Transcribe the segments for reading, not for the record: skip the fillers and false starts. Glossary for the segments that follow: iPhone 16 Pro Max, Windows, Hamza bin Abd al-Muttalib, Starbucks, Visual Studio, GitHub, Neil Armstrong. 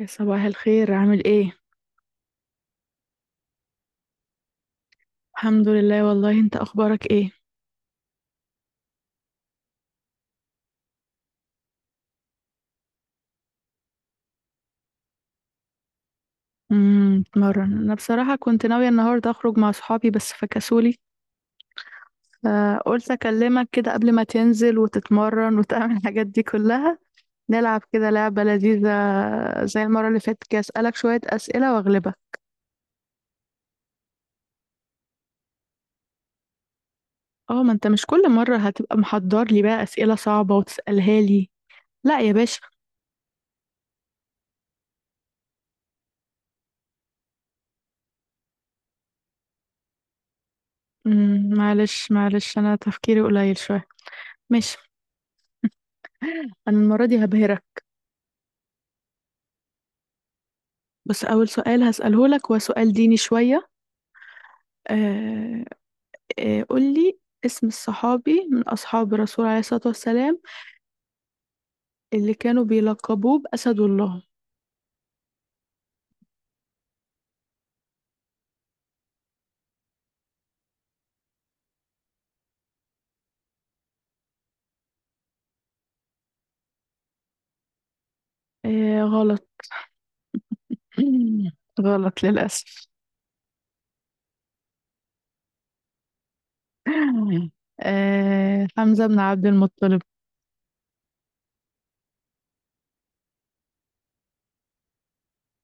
يا صباح الخير، عامل ايه؟ الحمد لله، والله انت اخبارك ايه؟ بتمرن، انا بصراحه كنت ناويه النهارده اخرج مع صحابي بس فكسولي. فقلت اكلمك كده قبل ما تنزل وتتمرن وتعمل الحاجات دي كلها. نلعب كده لعبه لذيذه. زي المره اللي فاتت، كده اسالك شويه اسئله واغلبك. اه، ما انت مش كل مره هتبقى محضر لي بقى اسئله صعبه وتسالها لي. لا يا باشا. معلش معلش، انا تفكيري قليل شويه. ماشي. انا المره دي هبهرك. بس أول سؤال هسأله لك هو سؤال ديني شوية. آه، آه قول لي اسم الصحابي من أصحاب الرسول عليه الصلاة والسلام اللي كانوا بيلقبوه بأسد الله؟ آه، غلط. غلط للأسف. آه، حمزة بن عبد المطلب.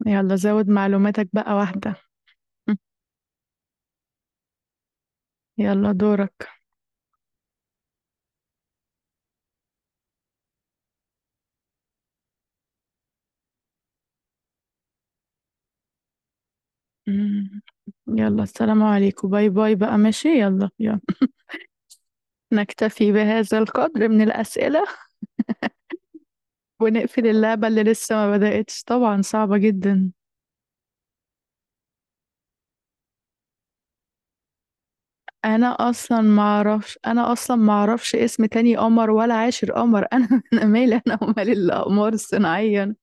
يلا زود معلوماتك بقى واحدة. يلا دورك. مم. يلا السلام عليكم، باي باي بقى، ماشي يلا يلا. نكتفي بهذا القدر من الأسئلة. ونقفل اللعبة اللي لسه ما بدأتش طبعا، صعبة جدا. انا اصلا ما اعرفش اسم تاني قمر ولا عاشر قمر. انا مالي، انا ومال الاقمار الصناعية.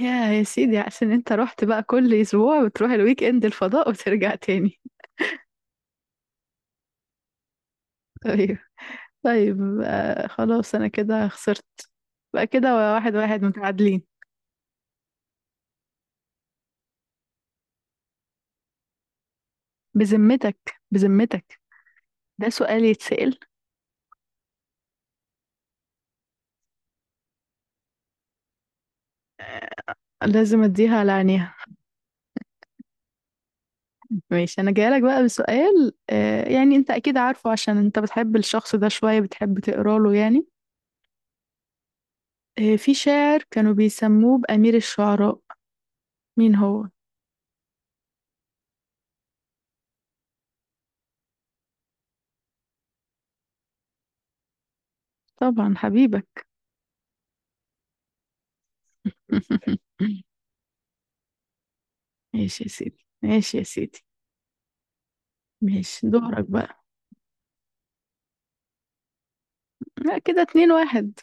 يا سيدي، عشان انت رحت بقى كل اسبوع بتروح الويك اند الفضاء وترجع تاني. طيب. طيب، آه، خلاص انا كده خسرت. بقى كده 1-1 متعادلين. بذمتك، بذمتك. ده سؤال يتسأل؟ لازم اديها على عينيها. ماشي، انا جايلك بقى بسؤال، آه يعني انت اكيد عارفه، عشان انت بتحب الشخص ده شوية، بتحب تقرا له يعني. آه، في شاعر كانوا بيسموه بأمير الشعراء، مين هو؟ طبعا حبيبك. ماشي يا سيدي، ماشي يا سيدي. ماشي دورك بقى. لا، كده 2-1.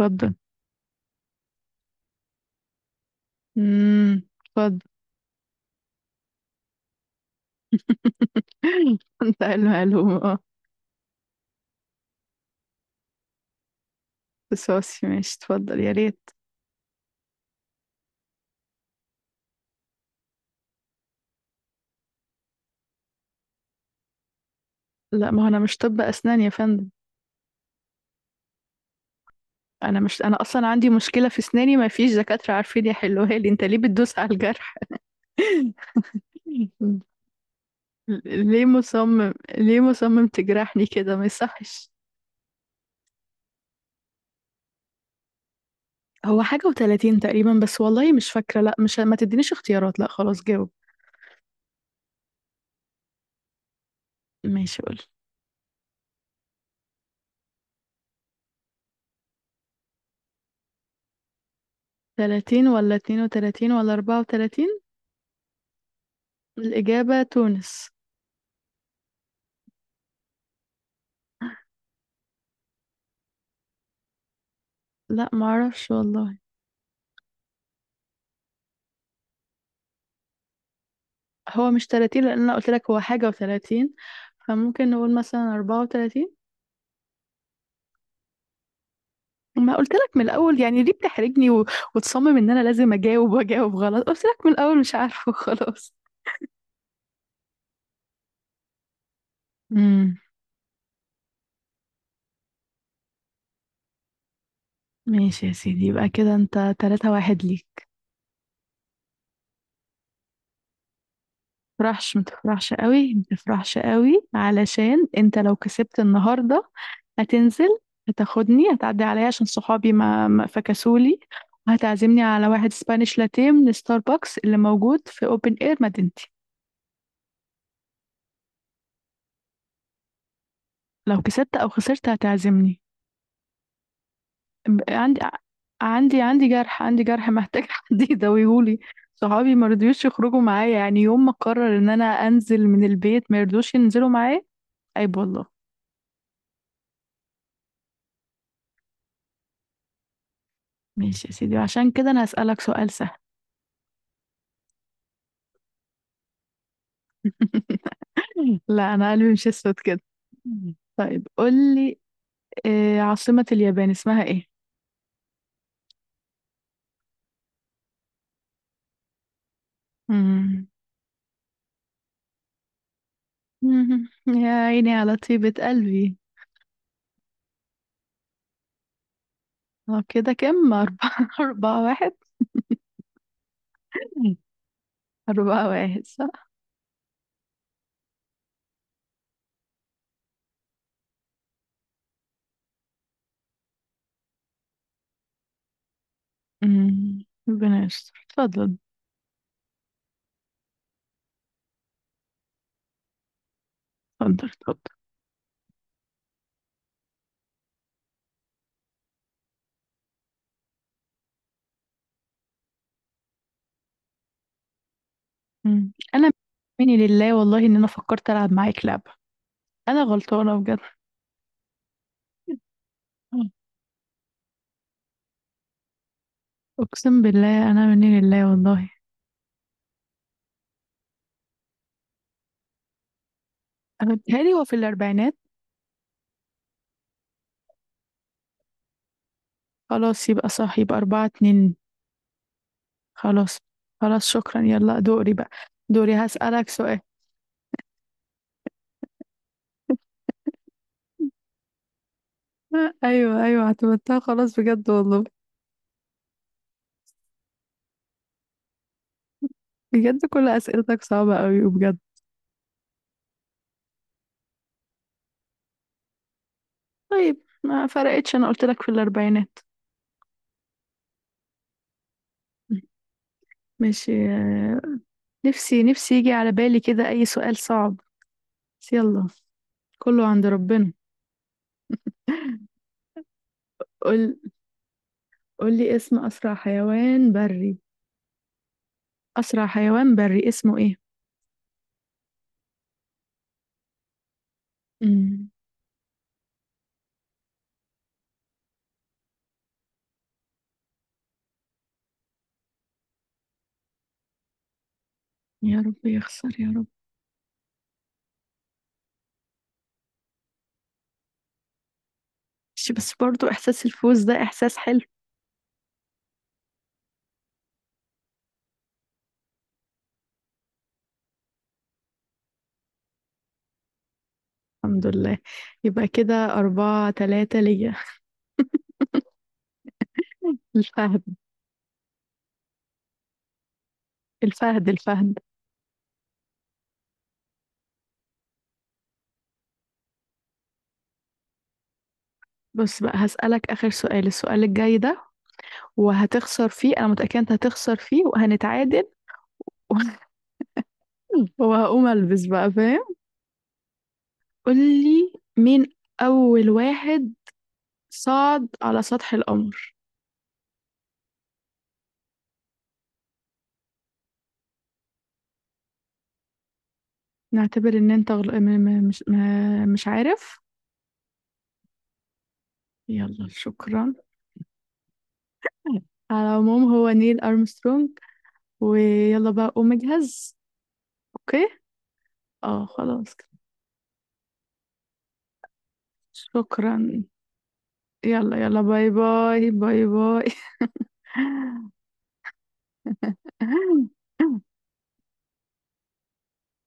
اتفضل. اتفضل. انت المعلومة اه. بس ماشي، اتفضل يا ريت. لا، ما هو انا مش طب اسنان يا فندم. انا مش انا اصلا عندي مشكله في اسناني، ما فيش دكاتره عارفين يحلوها لي، انت ليه بتدوس على الجرح؟ ليه مصمم ليه مصمم تجرحني كده، ما يصحش. هو حاجه و30 تقريبا بس، والله مش فاكره. لا، مش ما تدينيش اختيارات، لا خلاص جاوب. ماشي قول. 30 ولا 32 ولا 34؟ الاجابه تونس. لا ما اعرفش والله. هو مش 30 لان انا قلت لك هو حاجه و30، فممكن نقول مثلا 34. ما قلت لك من الاول، يعني ليه بتحرجني وتصمم ان انا لازم اجاوب، واجاوب غلط، قلت لك من الاول مش عارفه. خلاص. امم. ماشي يا سيدي، يبقى كده انت 3-1 ليك. متفرحش، متفرحش قوي، متفرحش قوي علشان انت لو كسبت النهارده هتنزل، هتاخدني، هتعدي عليا عشان صحابي ما فكسولي، وهتعزمني على واحد سبانيش لاتيه من ستاربكس اللي موجود في اوبن اير مدينتي. لو كسبت او خسرت هتعزمني. ب- عندي عندي جرح محتاج حد يداويهولي. صحابي ما رضيوش يخرجوا معايا، يعني يوم ما قرر ان انا انزل من البيت ما يرضوش ينزلوا معايا. عيب والله. ماشي يا سيدي، وعشان كده انا هسألك سؤال سهل. لا، انا قلبي مش اسود كده. طيب قول لي. آه، عاصمة اليابان اسمها ايه؟ مم. يا عيني على طيبة قلبي. آه، كده كم؟ أربعة 4-1. 4-1 صح. مم. ربنا يستر، اتفضل، اتفضل، اتفضل. انا مني لله والله ان انا فكرت العب معاك لعبه. انا غلطانه بجد. اقسم بالله، انا مني لله والله. أنا بيتهيألي هو في الاربعينات. خلاص يبقى صح، يبقى 4-2. خلاص. خلاص شكرا، يلا دوري بقى. دوري، هسألك سؤال. آه، ايوه، ايوه، اعتمدتها خلاص بجد والله. بجد، كل اسئلتك صعبة قوي بجد. طيب، ما فرقتش، انا قلت لك في الاربعينات. ماشي. آه، نفسي نفسي يجي على بالي كده اي سؤال صعب. بس يلا. كله عند ربنا. قول. قول لي اسم أسرع حيوان بري. أسرع حيوان بري اسمه إيه؟ مم. يا رب يخسر يا رب. مش بس، برضو إحساس الفوز ده إحساس حلو. الحمد لله. يبقى كده 4-3 ليا. الفهد. الفهد، الفهد. بص بقى، هسألك آخر سؤال، السؤال الجاي ده وهتخسر فيه، أنا متأكدة أنت هتخسر فيه وهنتعادل. وهقوم ألبس بقى، فاهم؟ قول لي مين أول واحد صعد على سطح القمر؟ نعتبر ان انت غل... م... م... مش م... مش عارف. يلا، شكرا. على العموم، هو نيل ارمسترونج. ويلا بقى قوم اجهز. اوكي. اه خلاص كده. شكرا، يلا يلا، باي باي، باي باي.